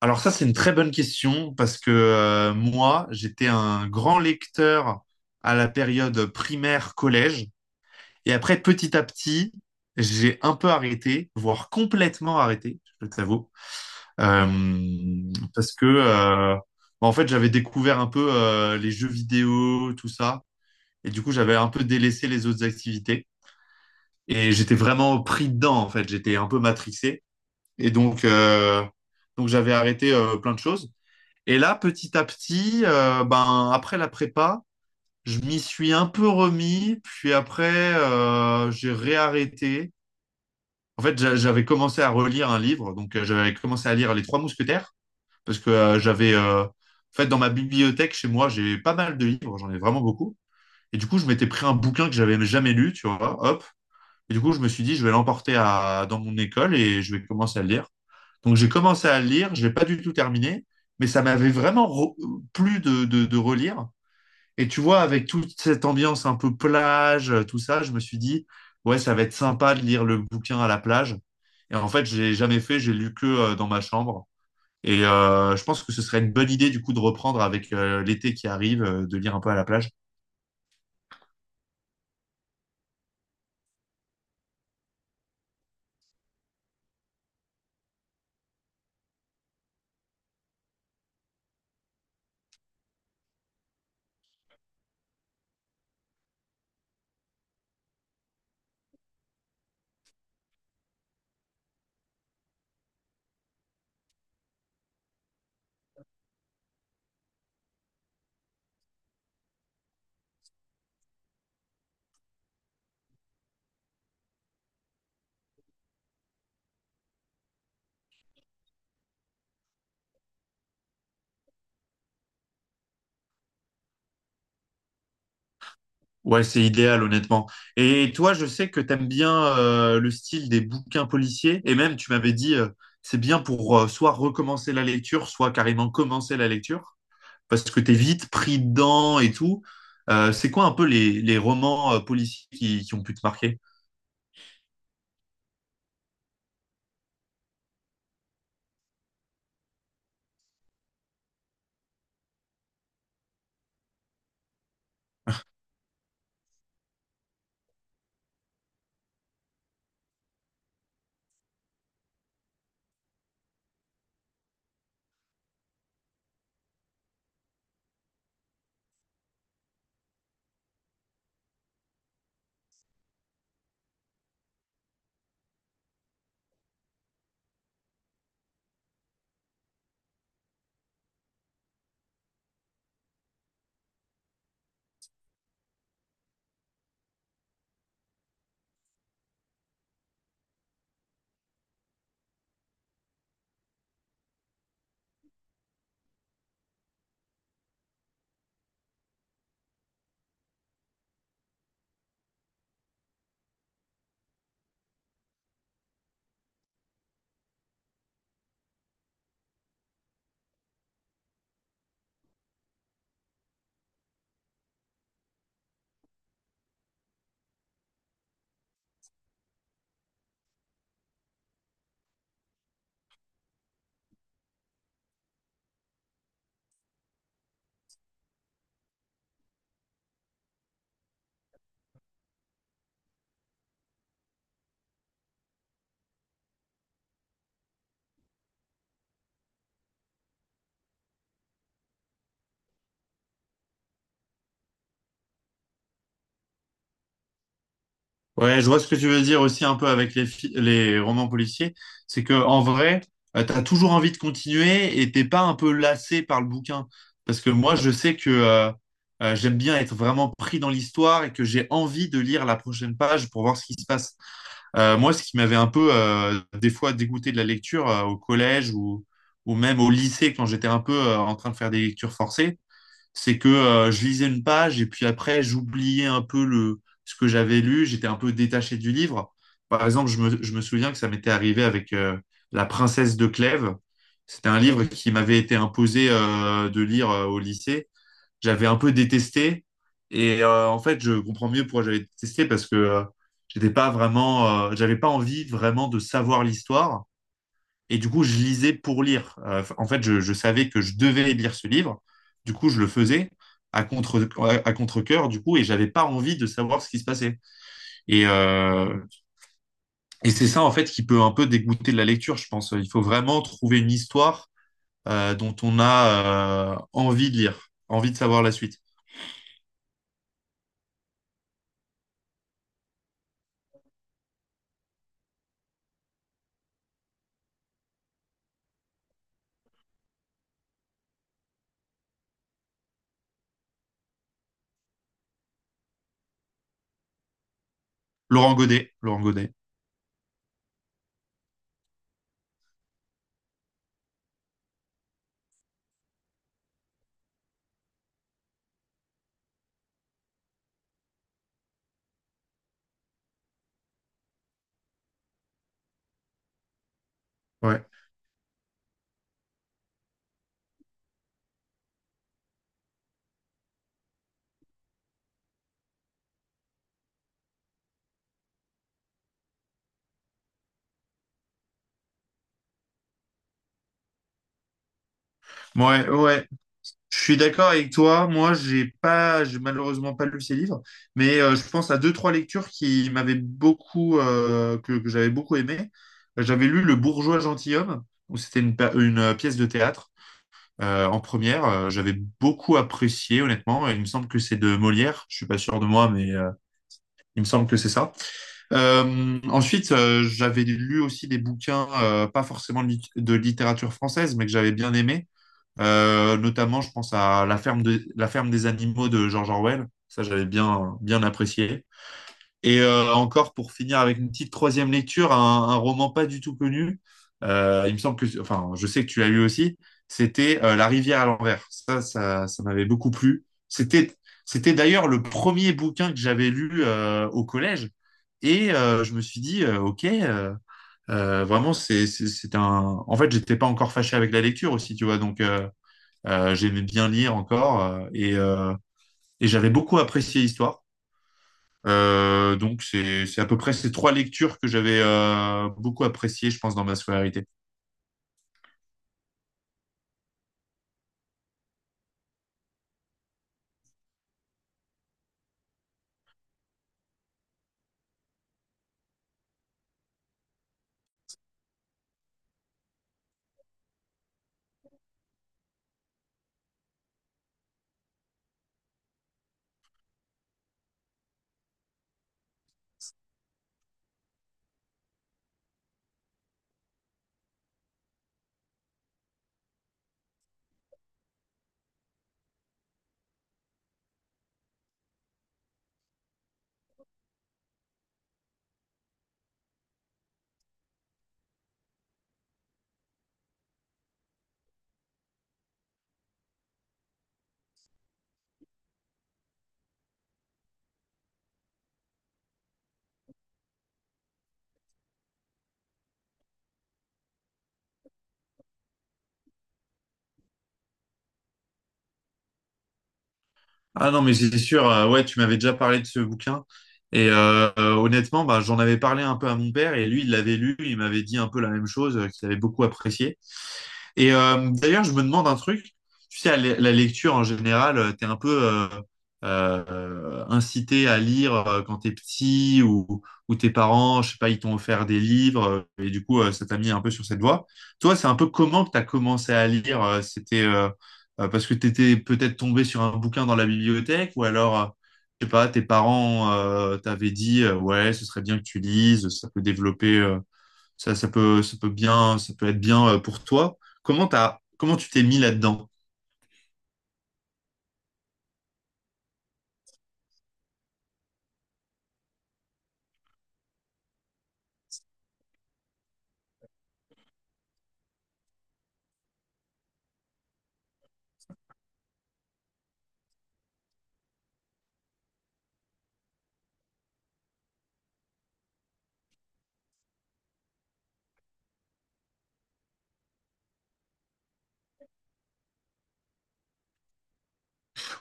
Alors ça, c'est une très bonne question parce que moi, j'étais un grand lecteur à la période primaire, collège. Et après, petit à petit, j'ai un peu arrêté, voire complètement arrêté, je t'avoue. Parce que, bah, en fait, j'avais découvert un peu les jeux vidéo, tout ça. Et du coup, j'avais un peu délaissé les autres activités. Et j'étais vraiment pris dedans, en fait. J'étais un peu matrixé. Et donc, euh, donc j'avais arrêté plein de choses. Et là, petit à petit, ben, après la prépa, je m'y suis un peu remis, puis après, j'ai réarrêté. En fait, j'avais commencé à relire un livre, donc j'avais commencé à lire Les Trois Mousquetaires, parce que j'avais, en fait, dans ma bibliothèque chez moi, j'ai pas mal de livres, j'en ai vraiment beaucoup. Et du coup, je m'étais pris un bouquin que j'avais jamais lu, tu vois, hop, et du coup, je me suis dit, je vais dans mon école et je vais commencer à le lire. Donc, j'ai commencé à le lire, je l'ai pas du tout terminé, mais ça m'avait vraiment plu de relire. Et tu vois, avec toute cette ambiance un peu plage, tout ça, je me suis dit, ouais, ça va être sympa de lire le bouquin à la plage. Et en fait, je l'ai jamais fait, j'ai lu que dans ma chambre. Et je pense que ce serait une bonne idée, du coup, de reprendre avec l'été qui arrive, de lire un peu à la plage. Ouais, c'est idéal, honnêtement. Et toi, je sais que t'aimes bien le style des bouquins policiers. Et même, tu m'avais dit, c'est bien pour soit recommencer la lecture, soit carrément commencer la lecture, parce que t'es vite pris dedans et tout. C'est quoi un peu les romans policiers qui ont pu te marquer? Ouais, je vois ce que tu veux dire aussi un peu avec les, les romans policiers. C'est que en vrai, t'as toujours envie de continuer et t'es pas un peu lassé par le bouquin. Parce que moi, je sais que j'aime bien être vraiment pris dans l'histoire et que j'ai envie de lire la prochaine page pour voir ce qui se passe. Moi, ce qui m'avait un peu des fois dégoûté de la lecture au collège ou même au lycée quand j'étais un peu en train de faire des lectures forcées, c'est que je lisais une page et puis après, j'oubliais un peu le, ce que j'avais lu, j'étais un peu détaché du livre. Par exemple, je me souviens que ça m'était arrivé avec La Princesse de Clèves. C'était un livre qui m'avait été imposé de lire au lycée. J'avais un peu détesté et en fait, je comprends mieux pourquoi j'avais détesté parce que j'étais pas vraiment, j'avais pas envie vraiment de savoir l'histoire. Et du coup, je lisais pour lire. En fait, je savais que je devais lire ce livre. Du coup, je le faisais à contre à contre-cœur du coup et j'avais pas envie de savoir ce qui se passait et euh, et c'est ça en fait qui peut un peu dégoûter de la lecture, je pense. Il faut vraiment trouver une histoire dont on a envie de lire, envie de savoir la suite. Laurent Godet, Laurent Godet. ouais ouais. Je suis d'accord avec toi. Moi, j'ai pas, j'ai malheureusement pas lu ces livres, mais je pense à deux, trois lectures qui m'avaient beaucoup, que j'avais beaucoup aimé. J'avais lu Le Bourgeois gentilhomme, où c'était une pièce de théâtre en première. J'avais beaucoup apprécié, honnêtement. Il me semble que c'est de Molière. Je suis pas sûr de moi, mais il me semble que c'est ça. Ensuite, j'avais lu aussi des bouquins, pas forcément de, de littérature française, mais que j'avais bien aimé. Notamment, je pense à La ferme des animaux de George Orwell. Ça, j'avais bien, bien apprécié. Et encore, pour finir avec une petite troisième lecture, un roman pas du tout connu. Il me semble que, enfin, je sais que tu l'as lu aussi. C'était La rivière à l'envers. Ça m'avait beaucoup plu. C'était d'ailleurs le premier bouquin que j'avais lu au collège. Et je me suis dit, ok, vraiment, c'est un. En fait, j'étais pas encore fâché avec la lecture aussi, tu vois. Donc, j'aimais bien lire encore et et j'avais beaucoup apprécié l'histoire. Donc c'est à peu près ces trois lectures que j'avais beaucoup appréciées, je pense, dans ma scolarité. Ah non, mais c'est sûr. Ouais, tu m'avais déjà parlé de ce bouquin et honnêtement, bah, j'en avais parlé un peu à mon père et lui, il l'avait lu, il m'avait dit un peu la même chose, qu'il avait beaucoup apprécié. Et d'ailleurs, je me demande un truc. Tu sais, à la lecture en général, tu es un peu incité à lire quand tu es petit ou tes parents, je sais pas, ils t'ont offert des livres et du coup, ça t'a mis un peu sur cette voie. Toi, c'est un peu comment que tu as commencé à lire? C'était parce que tu étais peut-être tombé sur un bouquin dans la bibliothèque ou alors, je sais pas, tes parents t'avaient dit, ouais, ce serait bien que tu lises, ça peut développer. Ça peut bien, ça peut être bien pour toi. Comment comment tu t'es mis là-dedans?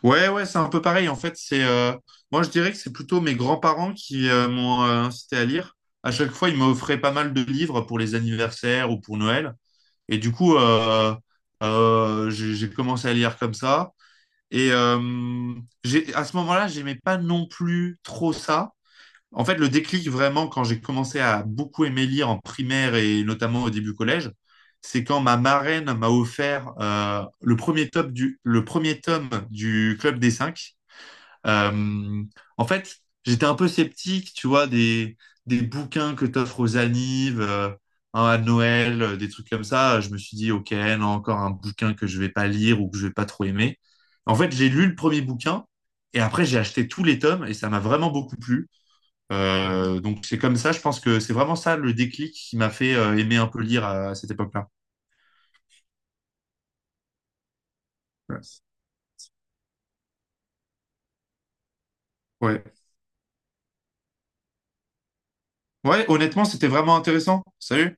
Ouais, ouais, c'est un peu pareil. En fait, moi, je dirais que c'est plutôt mes grands-parents qui m'ont incité à lire. À chaque fois, ils m'offraient pas mal de livres pour les anniversaires ou pour Noël. Et du coup, j'ai commencé à lire comme ça. Et j'ai, à ce moment-là, j'aimais pas non plus trop ça. En fait, le déclic vraiment quand j'ai commencé à beaucoup aimer lire en primaire et notamment au début collège, c'est quand ma marraine m'a offert le premier tome du Club des Cinq. Euh, en fait, j'étais un peu sceptique, tu vois, des bouquins que t'offres aux annives, hein, à Noël, des trucs comme ça. Je me suis dit, ok, non, encore un bouquin que je vais pas lire ou que je vais pas trop aimer. En fait, j'ai lu le premier bouquin et après j'ai acheté tous les tomes et ça m'a vraiment beaucoup plu. Donc c'est comme ça, je pense que c'est vraiment ça le déclic qui m'a fait aimer un peu lire à cette époque-là. Ouais. Ouais, Ouais, honnêtement, c'était vraiment intéressant. Salut.